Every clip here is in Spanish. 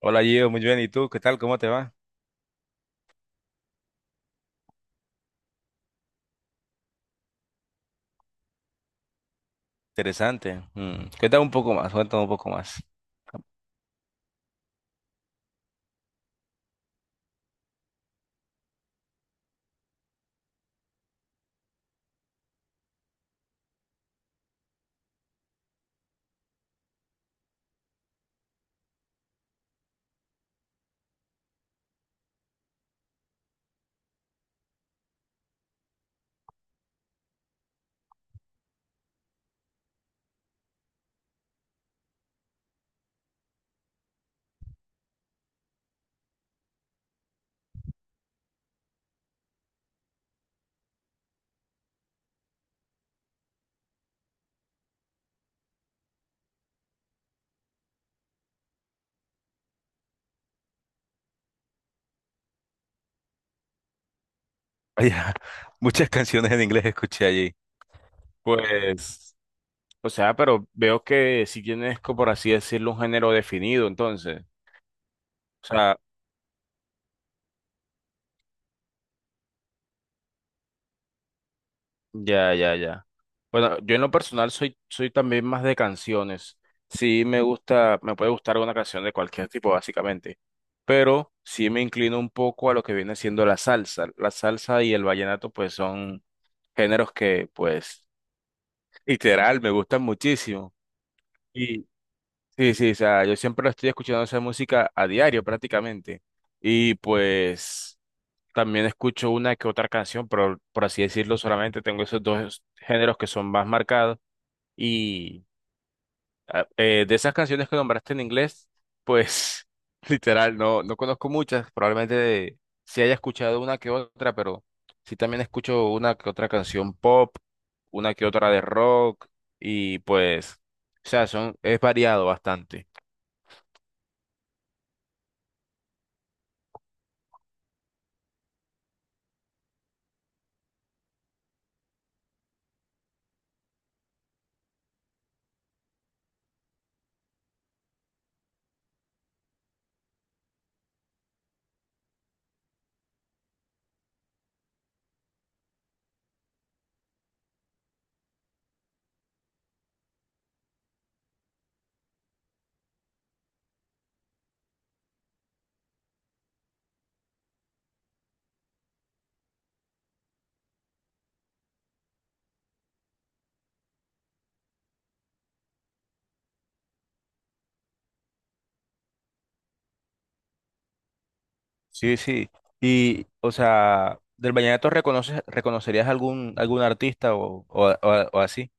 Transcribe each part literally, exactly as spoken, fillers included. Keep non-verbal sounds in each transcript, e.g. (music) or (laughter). Hola Gio, muy bien. ¿Y tú? ¿Qué tal? ¿Cómo te va? Interesante. Mm, cuéntame un poco más, cuéntame un poco más. (laughs) Vaya, muchas canciones en inglés escuché allí. Pues, o sea, pero veo que si tienes, co- por así decirlo, un género definido, entonces. O sea, ya, ya, ya. Bueno, yo en lo personal soy, soy también más de canciones. Sí me gusta, me puede gustar una canción de cualquier tipo, básicamente. Pero sí me inclino un poco a lo que viene siendo la salsa. La salsa y el vallenato, pues son géneros que, pues, literal, me gustan muchísimo. Y sí, sí, o sea, yo siempre estoy escuchando esa música a diario, prácticamente. Y pues. También escucho una que otra canción, pero por así decirlo, solamente tengo esos dos géneros que son más marcados. Y ah, eh, de esas canciones que nombraste en inglés, pues (laughs) literal, no, no conozco muchas. Probablemente sí haya escuchado una que otra, pero sí también escucho una que otra canción pop, una que otra de rock. Y pues, o sea, son, es variado bastante. Sí, sí. Y, o sea, del vallenato reconoces, ¿reconocerías algún, algún artista o, o, o- o así?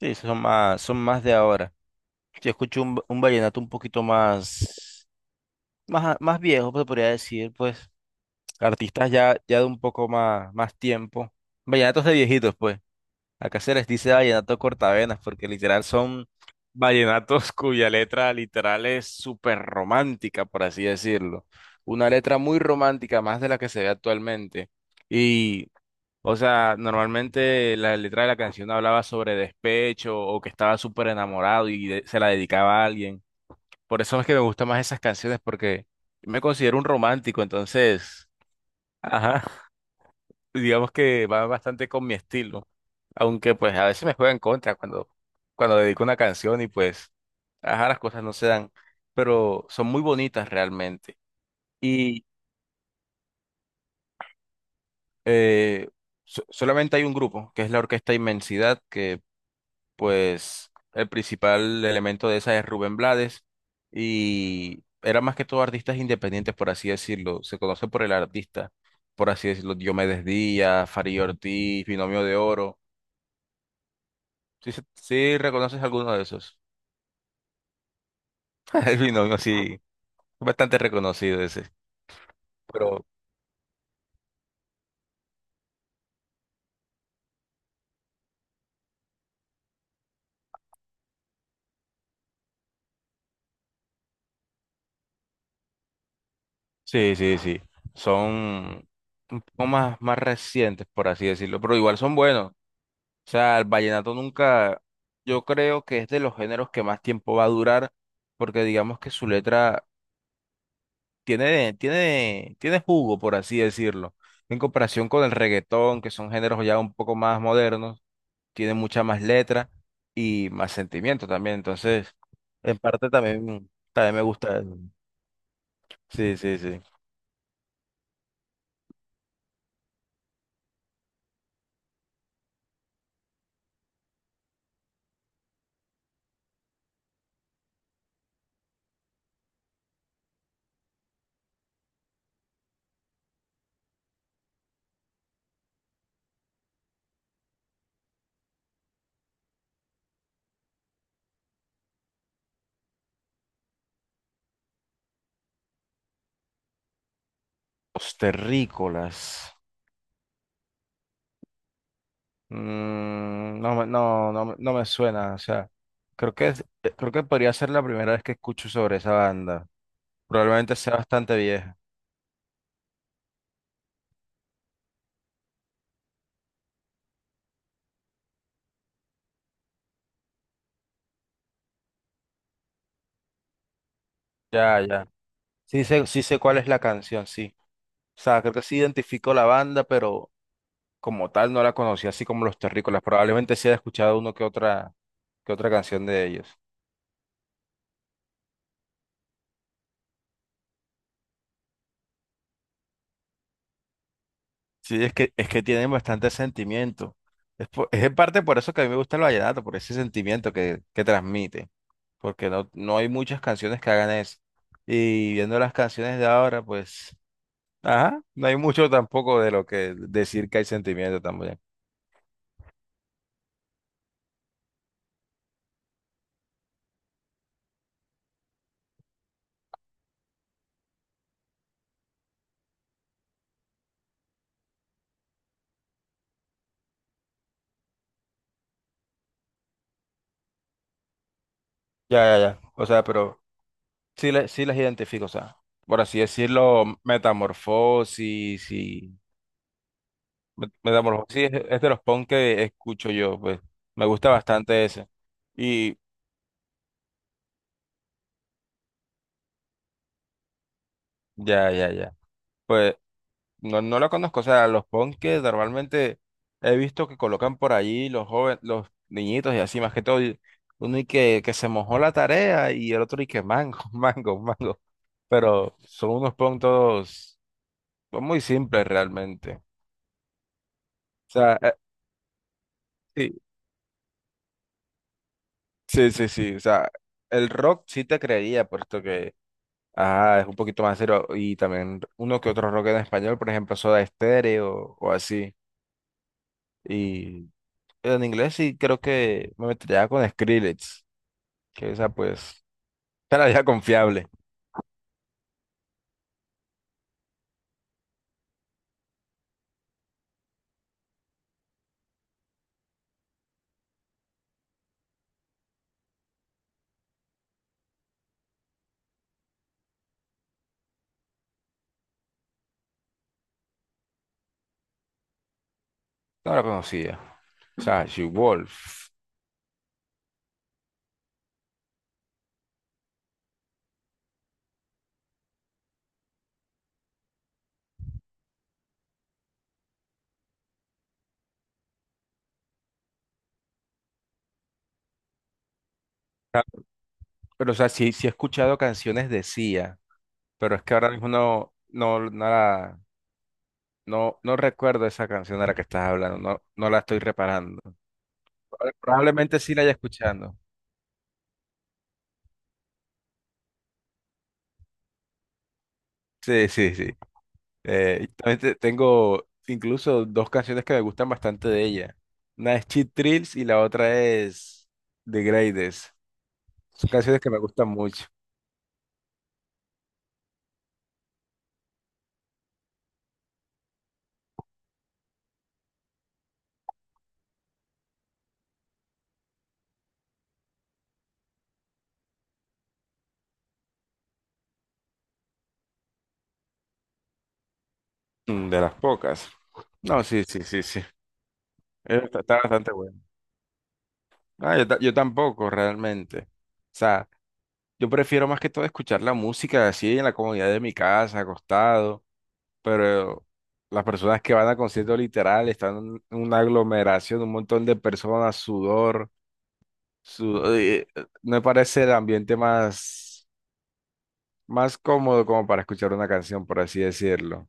Sí, esos son más, son más de ahora. Yo escucho un, un vallenato un poquito más, más, a- más viejo, pues podría decir, pues, artistas ya, ya de un poco más, más tiempo. Vallenatos de viejitos, pues. Acá se les dice vallenato cortavenas porque literal son vallenatos (laughs) cuya letra literal es súper romántica, por así decirlo. Una letra muy romántica, más de la que se ve actualmente. Y, o sea, normalmente la letra de la canción hablaba sobre despecho o que estaba súper enamorado y de- se la dedicaba a alguien. Por eso es que me gustan más esas canciones porque me considero un romántico, entonces, ajá, (laughs) digamos que va bastante con mi estilo. Aunque pues a veces me juega en contra cuando, cuando dedico una canción y pues, ajá, las cosas no se dan, pero son muy bonitas realmente. Y eh, so- solamente hay un grupo, que es la Orquesta Inmensidad, que pues el principal elemento de esa es Rubén Blades y era más que todo artistas independientes, por así decirlo, se conoce por el artista, por así decirlo, Diomedes Díaz, Farid Ortiz, Binomio de Oro. ¿Sí, se- sí reconoces alguno de esos? (laughs) El binomio sí. Bastante reconocido ese. Pero sí, sí, sí. Son un poco más, más recientes, por así decirlo, pero igual son buenos. O sea, el vallenato nunca, yo creo que es de los géneros que más tiempo va a durar, porque digamos que su letra tiene, tiene, tiene jugo, por así decirlo. En comparación con el reggaetón, que son géneros ya un poco más modernos, tiene mucha más letra y más sentimiento también. Entonces, en parte también, también me gusta. eso. Sí, sí, sí. Los terrícolas. Mm, no, me- no, no, me no me suena. O sea, creo que es- eh, creo que podría ser la primera vez que escucho sobre esa banda. Probablemente sea bastante vieja. Ya, ya. Sí sé, sí sé cuál es la canción, sí. O sea, creo que sí identifico la banda, pero como tal no la conocí, así como los terrícolas. Probablemente sí haya escuchado uno que otra, que otra canción de ellos. Sí, es que, es que tienen bastante sentimiento. Es, po- es en parte por eso que a mí me gusta el vallenato, por ese sentimiento que, que transmite. Porque no, no hay muchas canciones que hagan eso. Y viendo las canciones de ahora, pues, ajá, no hay mucho tampoco de lo que decir que hay sentimiento también. Ya, ya, ya. O sea, pero sí, le- sí las identifico, o sea, por así decirlo, metamorfosis y... Me- Metamorfosis sí es es de los punk que escucho yo, pues, me gusta bastante ese. Y ya, ya, ya. Pues no, no lo conozco, o sea, los punkes normalmente he visto que colocan por allí los jóvenes, los niñitos y así, más que todo, y uno y que, que se mojó la tarea y el otro y que mango, (laughs) mango, mango, pero son unos punk todos son muy simples realmente. O sea, eh, sí, sí, sí, sí, o sea, el rock sí te creería puesto que, ajá, es un poquito más serio y también uno que otro rock en español, por ejemplo, Soda Stereo o así. En inglés sí creo que me metería con Skrillex, que esa pues (laughs) era ya confiable, no la conocía. O sea, She-Wolf. Pero o sea, sí, sí he escuchado canciones de Sia, pero es que ahora mismo no, no, no la- no, no recuerdo esa canción de la que estás hablando, no, no la estoy reparando. Proba- Probablemente sí la haya escuchando. Sí, sí, sí. Eh, y también te- tengo incluso dos canciones que me gustan bastante de ella. Una es Cheat Thrills y la otra es The Greatest. Son canciones que me gustan mucho. Mm, de las pocas. No, sí, sí, sí, sí. Eh, está, está bastante bueno. Ah, yo, ta- yo tampoco, realmente. O sea, yo prefiero más que todo escuchar la música así en la comodidad de mi casa, acostado, pero las personas que van a conciertos literal están en una aglomeración, un montón de personas, sudor, sudor, eh, me parece el ambiente más, más cómodo como para escuchar una canción, por así decirlo.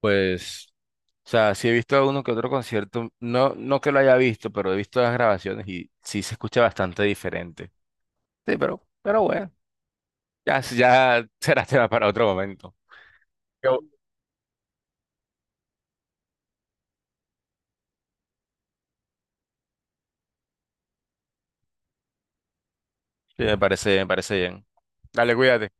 Pues o sea, sí he visto uno que otro concierto, no, no que lo haya visto, pero he visto las grabaciones y sí se escucha bastante diferente. Sí, pero, pero bueno, ya, ya (laughs) será tema para otro momento. Yo- Sí, me parece, me parece bien. Dale, cuídate.